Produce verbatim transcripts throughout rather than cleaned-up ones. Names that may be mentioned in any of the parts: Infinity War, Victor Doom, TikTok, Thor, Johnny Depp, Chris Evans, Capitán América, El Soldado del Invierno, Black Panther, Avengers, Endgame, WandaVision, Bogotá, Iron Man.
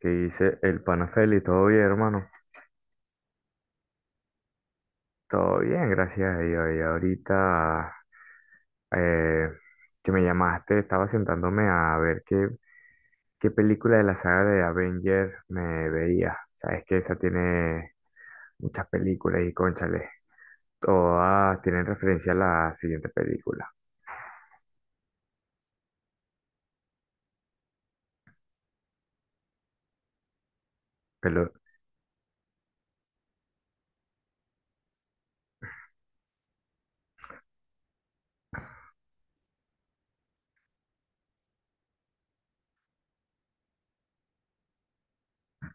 ¿Qué dice el pana Feli? ¿Todo bien, hermano? Todo bien, gracias a Dios. Y ahorita eh, que me llamaste, estaba sentándome a ver qué, qué película de la saga de Avenger me veía. Sabes que esa tiene muchas películas y cónchale, todas tienen referencia a la siguiente película. Pero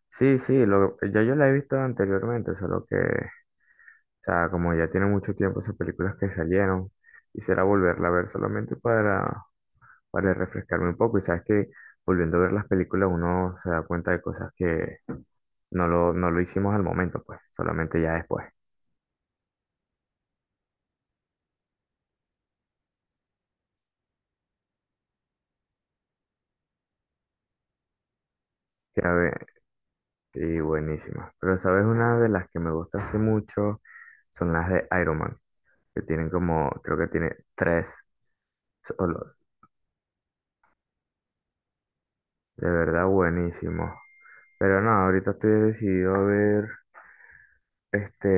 sí, sí, lo- ya yo la he visto anteriormente, solo que, o sea, como ya tiene mucho tiempo esas películas que salieron, quisiera volverla a ver solamente para, para refrescarme un poco. Y sabes que volviendo a ver las películas uno se da cuenta de cosas que no lo, no lo hicimos al momento, pues, solamente ya después. Ya ve- Y buenísima. Pero sabes, una de las que me gusta hace mucho son las de Iron Man, que tienen como, creo que tiene tres solos. De verdad, buenísimo. Pero no, ahorita estoy decidido a ver. Este,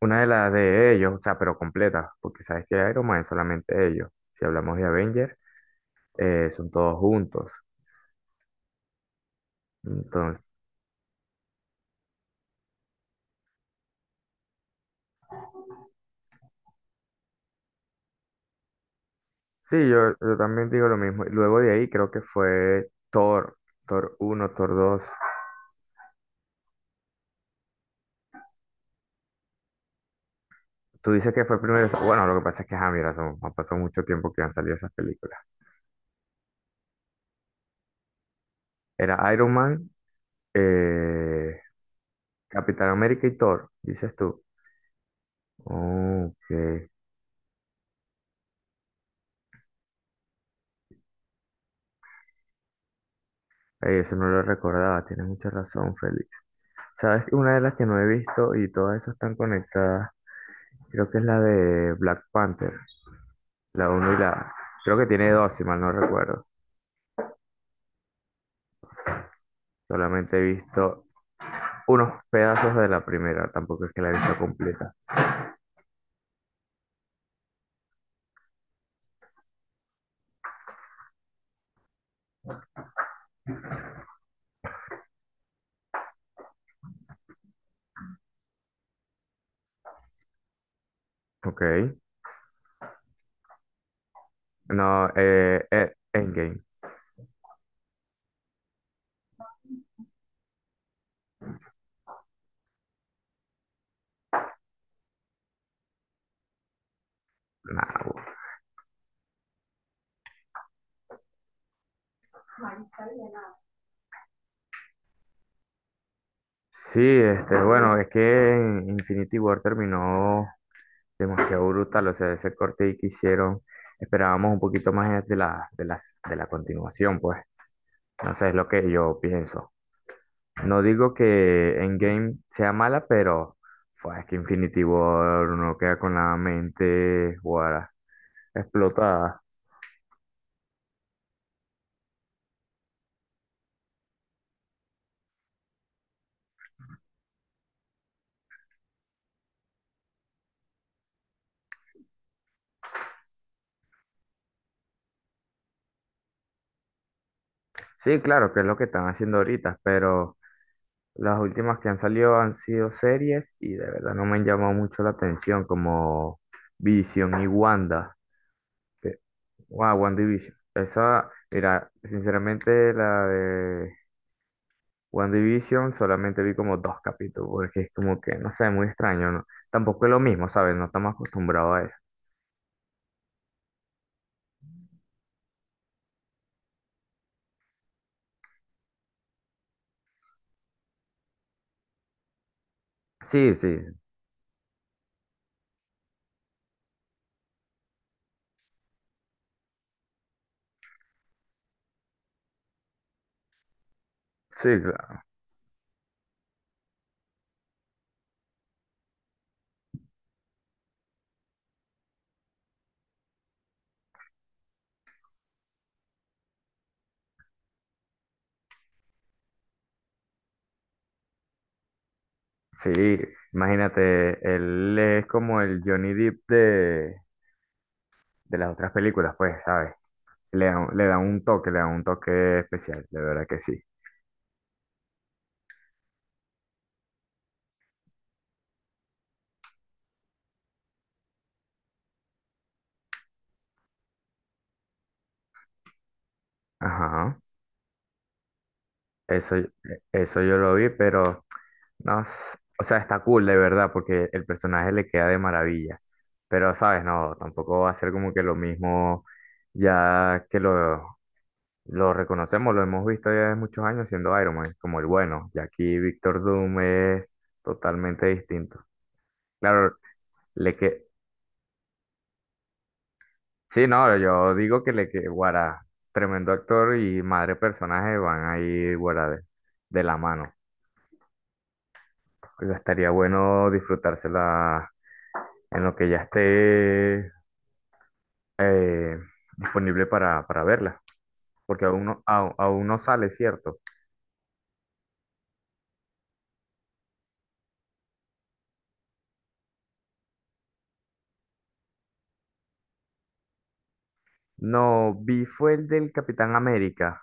una de las de ellos, o sea, pero completa, porque sabes que Iron Man es solamente ellos. Si hablamos de Avengers, eh, son todos juntos. Entonces, sí, yo, yo también digo lo mismo. Y luego de ahí creo que fue Thor, Thor uno, Thor dos. Tú dices que fue primero, esa- bueno, lo que pasa es que, ah, mira, son- ha pasado mucho tiempo que han salido esas películas. Era Iron Man, eh, Capitán América y Thor, dices tú. Oh, ok. Eh, eso no lo recordaba, tienes mucha razón, Félix. ¿Sabes? Una de las que no he visto y todas esas están conectadas, creo que es la de Black Panther, la uno y la... Creo que tiene dos, si mal no recuerdo. Solamente he visto unos pedazos de la primera, tampoco es que la he visto completa. Ok. No, eh, eh, Endgame. Nah, uf. Sí, este, bueno, es que en Infinity War terminó demasiado brutal, o sea, ese corte ahí que hicieron, esperábamos un poquito más de la, de las, de la continuación, pues. No sé, es lo que yo pienso. No digo que Endgame sea mala, pero fue, es que Infinity War uno queda con la mente guara, explotada. Sí, claro, que es lo que están haciendo ahorita, pero las últimas que han salido han sido series y de verdad no me han llamado mucho la atención, como Vision y Wanda. que- Wow, WandaVision. Esa, mira, sinceramente la de WandaVision solamente vi como dos capítulos, porque es como que, no sé, muy extraño, ¿no? Tampoco es lo mismo, ¿sabes? No estamos acostumbrados a eso. Sí, sí, sí, claro. Sí, imagínate, él es como el Johnny Depp de, de las otras películas, pues, ¿sabes? Le da, le da un toque, le da un toque especial, de verdad que sí. Ajá. Eso, eso yo lo vi, pero no, s- o sea, está cool de verdad, porque el personaje le queda de maravilla. Pero, ¿sabes? No, tampoco va a ser como que lo mismo ya que lo, lo reconocemos, lo hemos visto ya de muchos años siendo Iron Man, como el bueno. Y aquí Victor Doom es totalmente distinto. Claro, le, que, sí, no, yo digo que le que guara, tremendo actor y madre personaje van a ir guara de, de la mano. Y estaría bueno disfrutársela en lo que ya esté eh, disponible para, para verla, porque aún no, au- aún no sale, ¿cierto? No, vi fue el del Capitán América.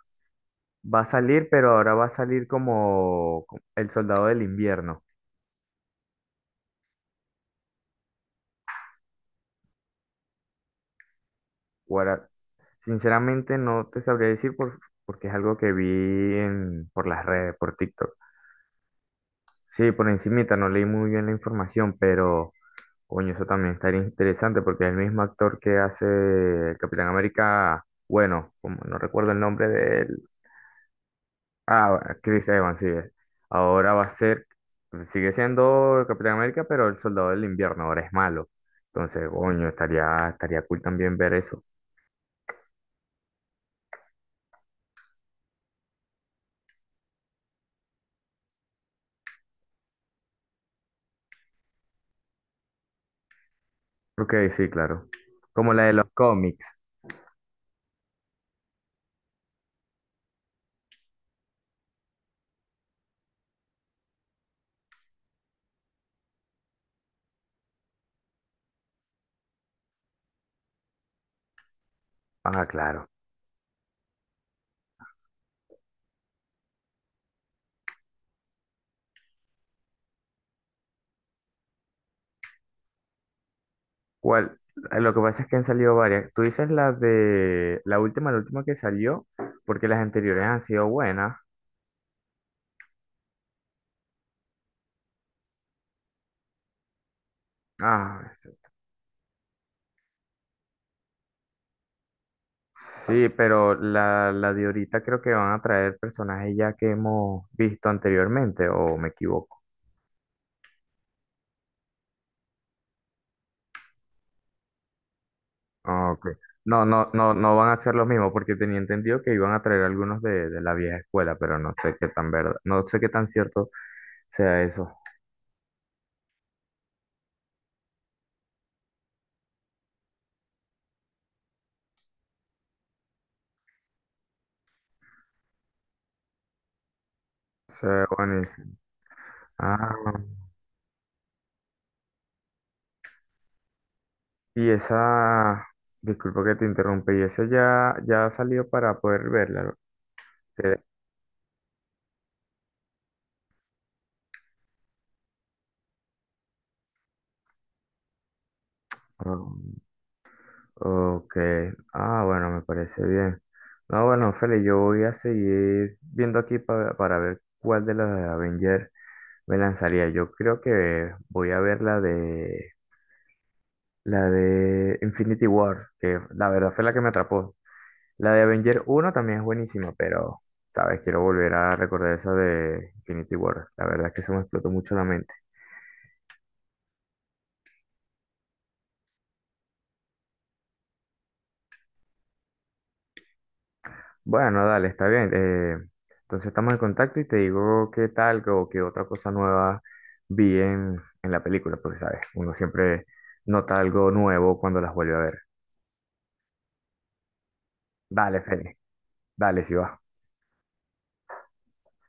Va a salir, pero ahora va a salir como como El Soldado del Invierno. Sinceramente no te sabría decir por, porque es algo que vi en, por las redes, por TikTok. Sí, por encimita, no leí muy bien la información, pero coño, eso también estaría interesante porque el mismo actor que hace el Capitán América, bueno, como no recuerdo el nombre de él, ah, Chris Evans, sí, es. Ahora va a ser, sigue siendo el Capitán América, pero el Soldado del Invierno ahora es malo. Entonces, coño, estaría, estaría cool también ver eso. Ok, sí, claro. Como la de los cómics. Ah, claro. ¿Cuál? Eh, Lo que pasa es que han salido varias. Tú dices la de la última, la última que salió, porque las anteriores han sido buenas. Ah, sí, pero la, la de ahorita creo que van a traer personajes ya que hemos visto anteriormente, o me equivoco. Ah, ok. No, no, no, no van a ser los mismos, porque tenía entendido que iban a traer algunos de, de la vieja escuela, pero no sé qué tan verdad, no sé qué tan cierto sea eso. Sea buenísimo. Ah. Y esa, disculpa que te interrumpe, y esa ya, ya salió para poder verla. que- ah, ok, ah, bueno, me parece bien. No, bueno, Feli, yo voy a seguir viendo aquí pa- para ver cuál de las de Avenger me lanzaría. Yo creo que voy a ver la de la de Infinity War, que la verdad fue la que me atrapó. La de Avenger uno también es buenísima, pero, ¿sabes? Quiero volver a recordar esa de Infinity War. La verdad es que eso me explotó mucho la mente. Bueno, dale, está bien. Eh, entonces estamos en contacto y te digo qué tal o qué otra cosa nueva vi en, en la película, porque, ¿sabes? Uno siempre nota algo nuevo cuando las vuelve a ver. Dale, Feli. Dale, si va.